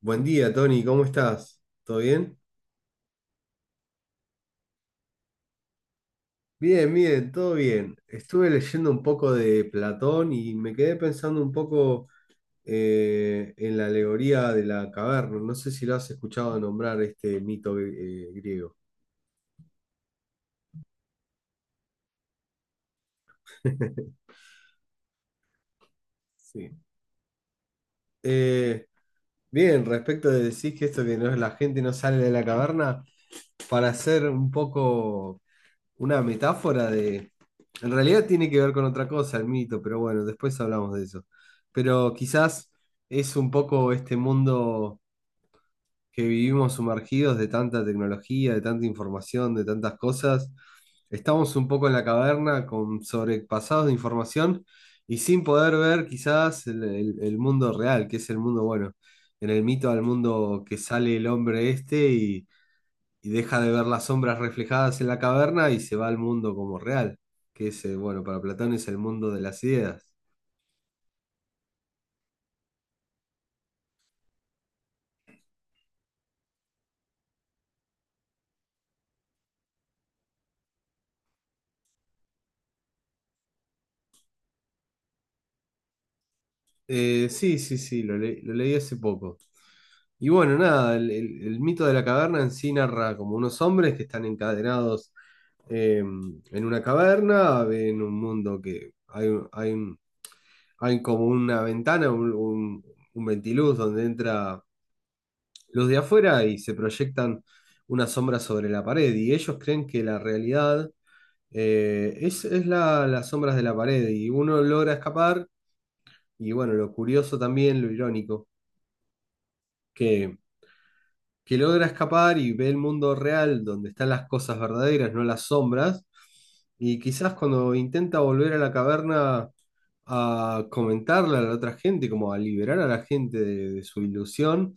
Buen día, Tony, ¿cómo estás? ¿Todo bien? Bien, bien, todo bien. Estuve leyendo un poco de Platón y me quedé pensando un poco en la alegoría de la caverna. No sé si lo has escuchado nombrar este mito griego. Sí. Eh, Bien, respecto de decir que esto que no es la gente no sale de la caverna, para ser un poco una metáfora de... En realidad tiene que ver con otra cosa, el mito, pero bueno, después hablamos de eso. Pero quizás es un poco este mundo que vivimos sumergidos de tanta tecnología, de tanta información, de tantas cosas. Estamos un poco en la caverna con sobrepasados de información y sin poder ver quizás el mundo real, que es el mundo bueno. En el mito al mundo que sale el hombre este y deja de ver las sombras reflejadas en la caverna y se va al mundo como real, que es, bueno, para Platón es el mundo de las ideas. Lo leí hace poco. Y bueno, nada, el mito de la caverna en sí narra como unos hombres que están encadenados en una caverna, en un mundo que hay como una ventana, un ventiluz donde entra luz de afuera y se proyectan una sombra sobre la pared. Y ellos creen que la realidad es las sombras de la pared y uno logra escapar y bueno, lo curioso también, lo irónico, que, que logra escapar y ve el mundo real donde están las cosas verdaderas, no las sombras, y quizás cuando intenta volver a la caverna a comentarle a la otra gente, como a liberar a la gente de su ilusión,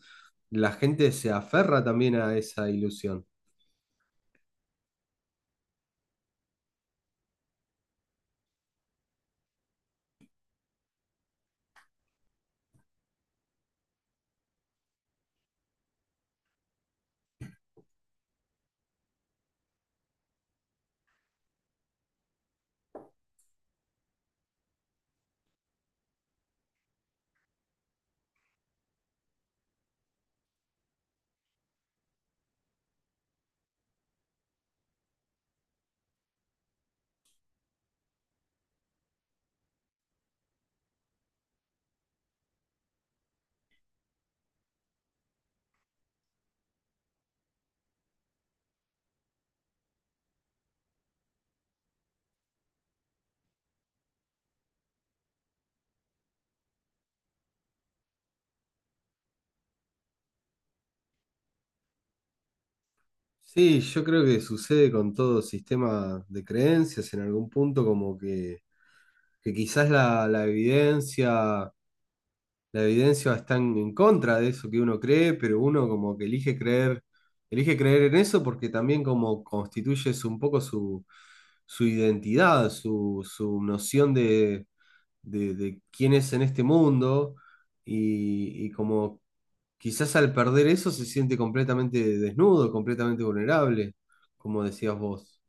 la gente se aferra también a esa ilusión. Sí, yo creo que sucede con todo sistema de creencias en algún punto como que quizás la evidencia, la evidencia está en contra de eso que uno cree, pero uno como que elige creer en eso porque también como constituye un poco su identidad, su noción de quién es en este mundo y como quizás al perder eso se siente completamente desnudo, completamente vulnerable, como decías vos.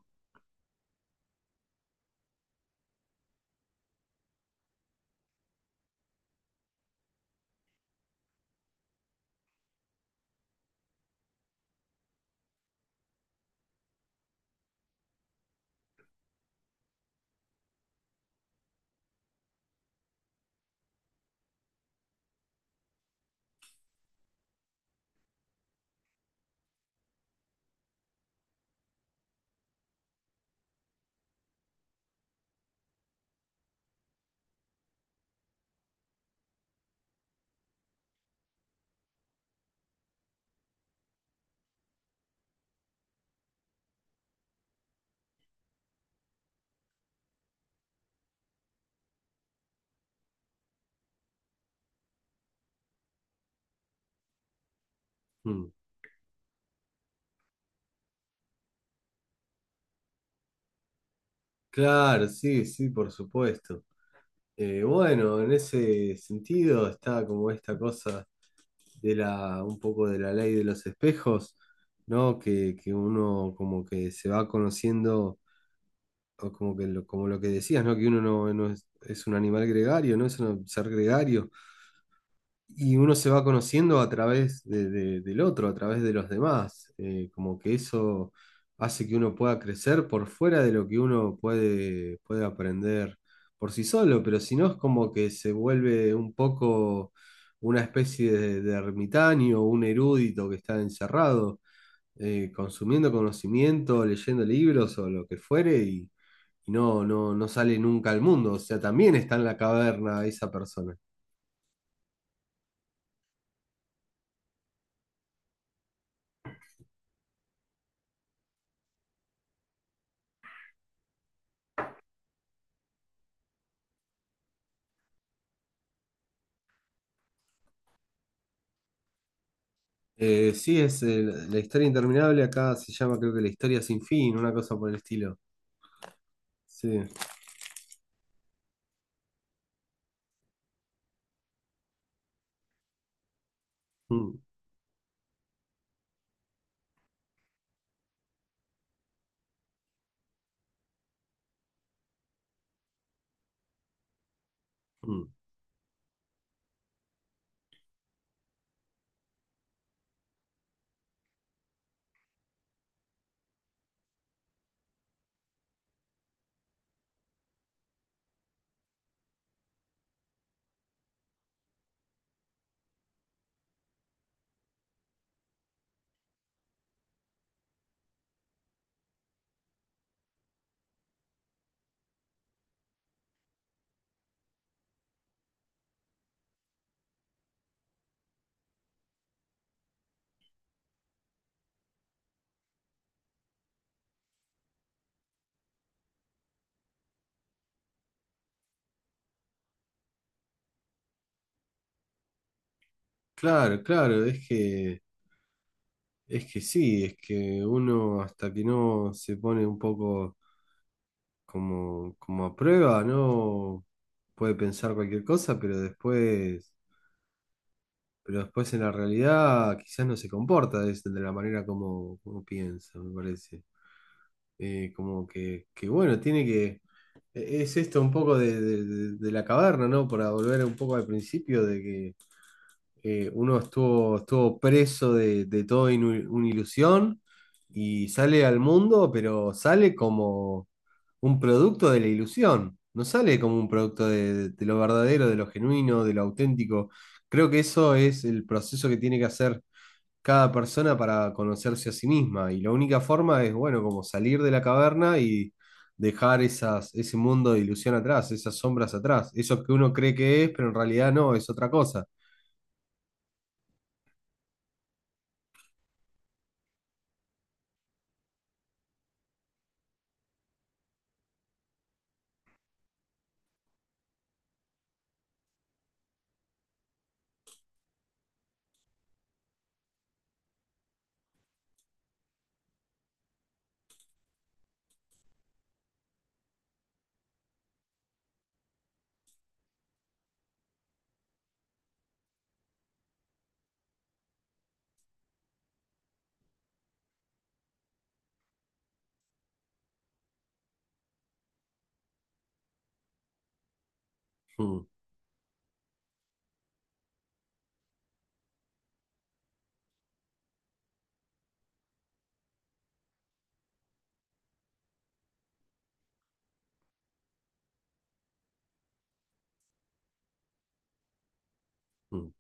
Mm. Claro, sí, sí, por supuesto. Bueno, en ese sentido está como esta cosa de la, un poco de la ley de los espejos, ¿no? Que uno como que se va conociendo, o como que lo, como lo que decías, ¿no? Que uno no, no es, es un animal gregario, ¿no? Es un ser gregario. Y uno se va conociendo a través del otro, a través de los demás. Como que eso hace que uno pueda crecer por fuera de lo que puede aprender por sí solo, pero si no es como que se vuelve un poco una especie de ermitaño, un erudito que está encerrado, consumiendo conocimiento, leyendo libros o lo que fuere y no sale nunca al mundo. O sea, también está en la caverna esa persona. Sí, es La historia interminable, acá se llama creo que La historia sin fin, una cosa por el estilo. Sí. Mm, mm. Claro, claro, es que sí, es que uno hasta que no se pone un poco como, como a prueba, ¿no? Puede pensar cualquier cosa, pero después pero después en la realidad quizás no se comporta de la manera como, como piensa, me parece. Como que bueno, tiene que... Es esto un poco de la caverna, ¿no? Para volver un poco al principio de que uno estuvo preso de todo una ilusión y sale al mundo, pero sale como un producto de la ilusión, no sale como un producto de lo verdadero, de lo genuino, de lo auténtico. Creo que eso es el proceso que tiene que hacer cada persona para conocerse a sí misma y la única forma es, bueno, como salir de la caverna y dejar esas, ese mundo de ilusión atrás, esas sombras atrás, eso que uno cree que es, pero en realidad no, es otra cosa. Mm, mm.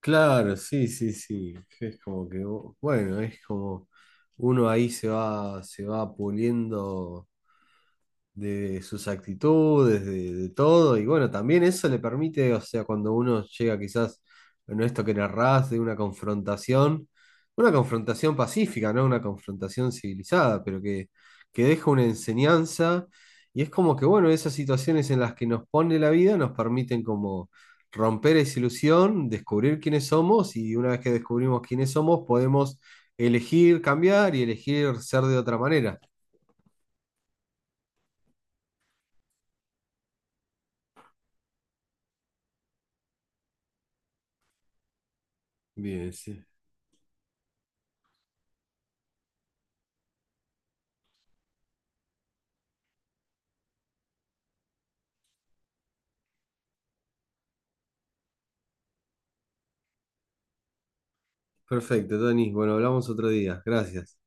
Claro, sí, sí, sí. Es como que, bueno, es como uno ahí se va puliendo de sus actitudes, de todo, y bueno, también eso le permite, o sea, cuando uno llega quizás, bueno, esto que narrás de una confrontación pacífica, ¿no? Una confrontación civilizada, pero que deja una enseñanza, y es como que, bueno, esas situaciones en las que nos pone la vida nos permiten como romper esa ilusión, descubrir quiénes somos, y una vez que descubrimos quiénes somos, podemos elegir cambiar y elegir ser de otra manera. Bien, sí. Perfecto, Tony. Bueno, hablamos otro día. Gracias.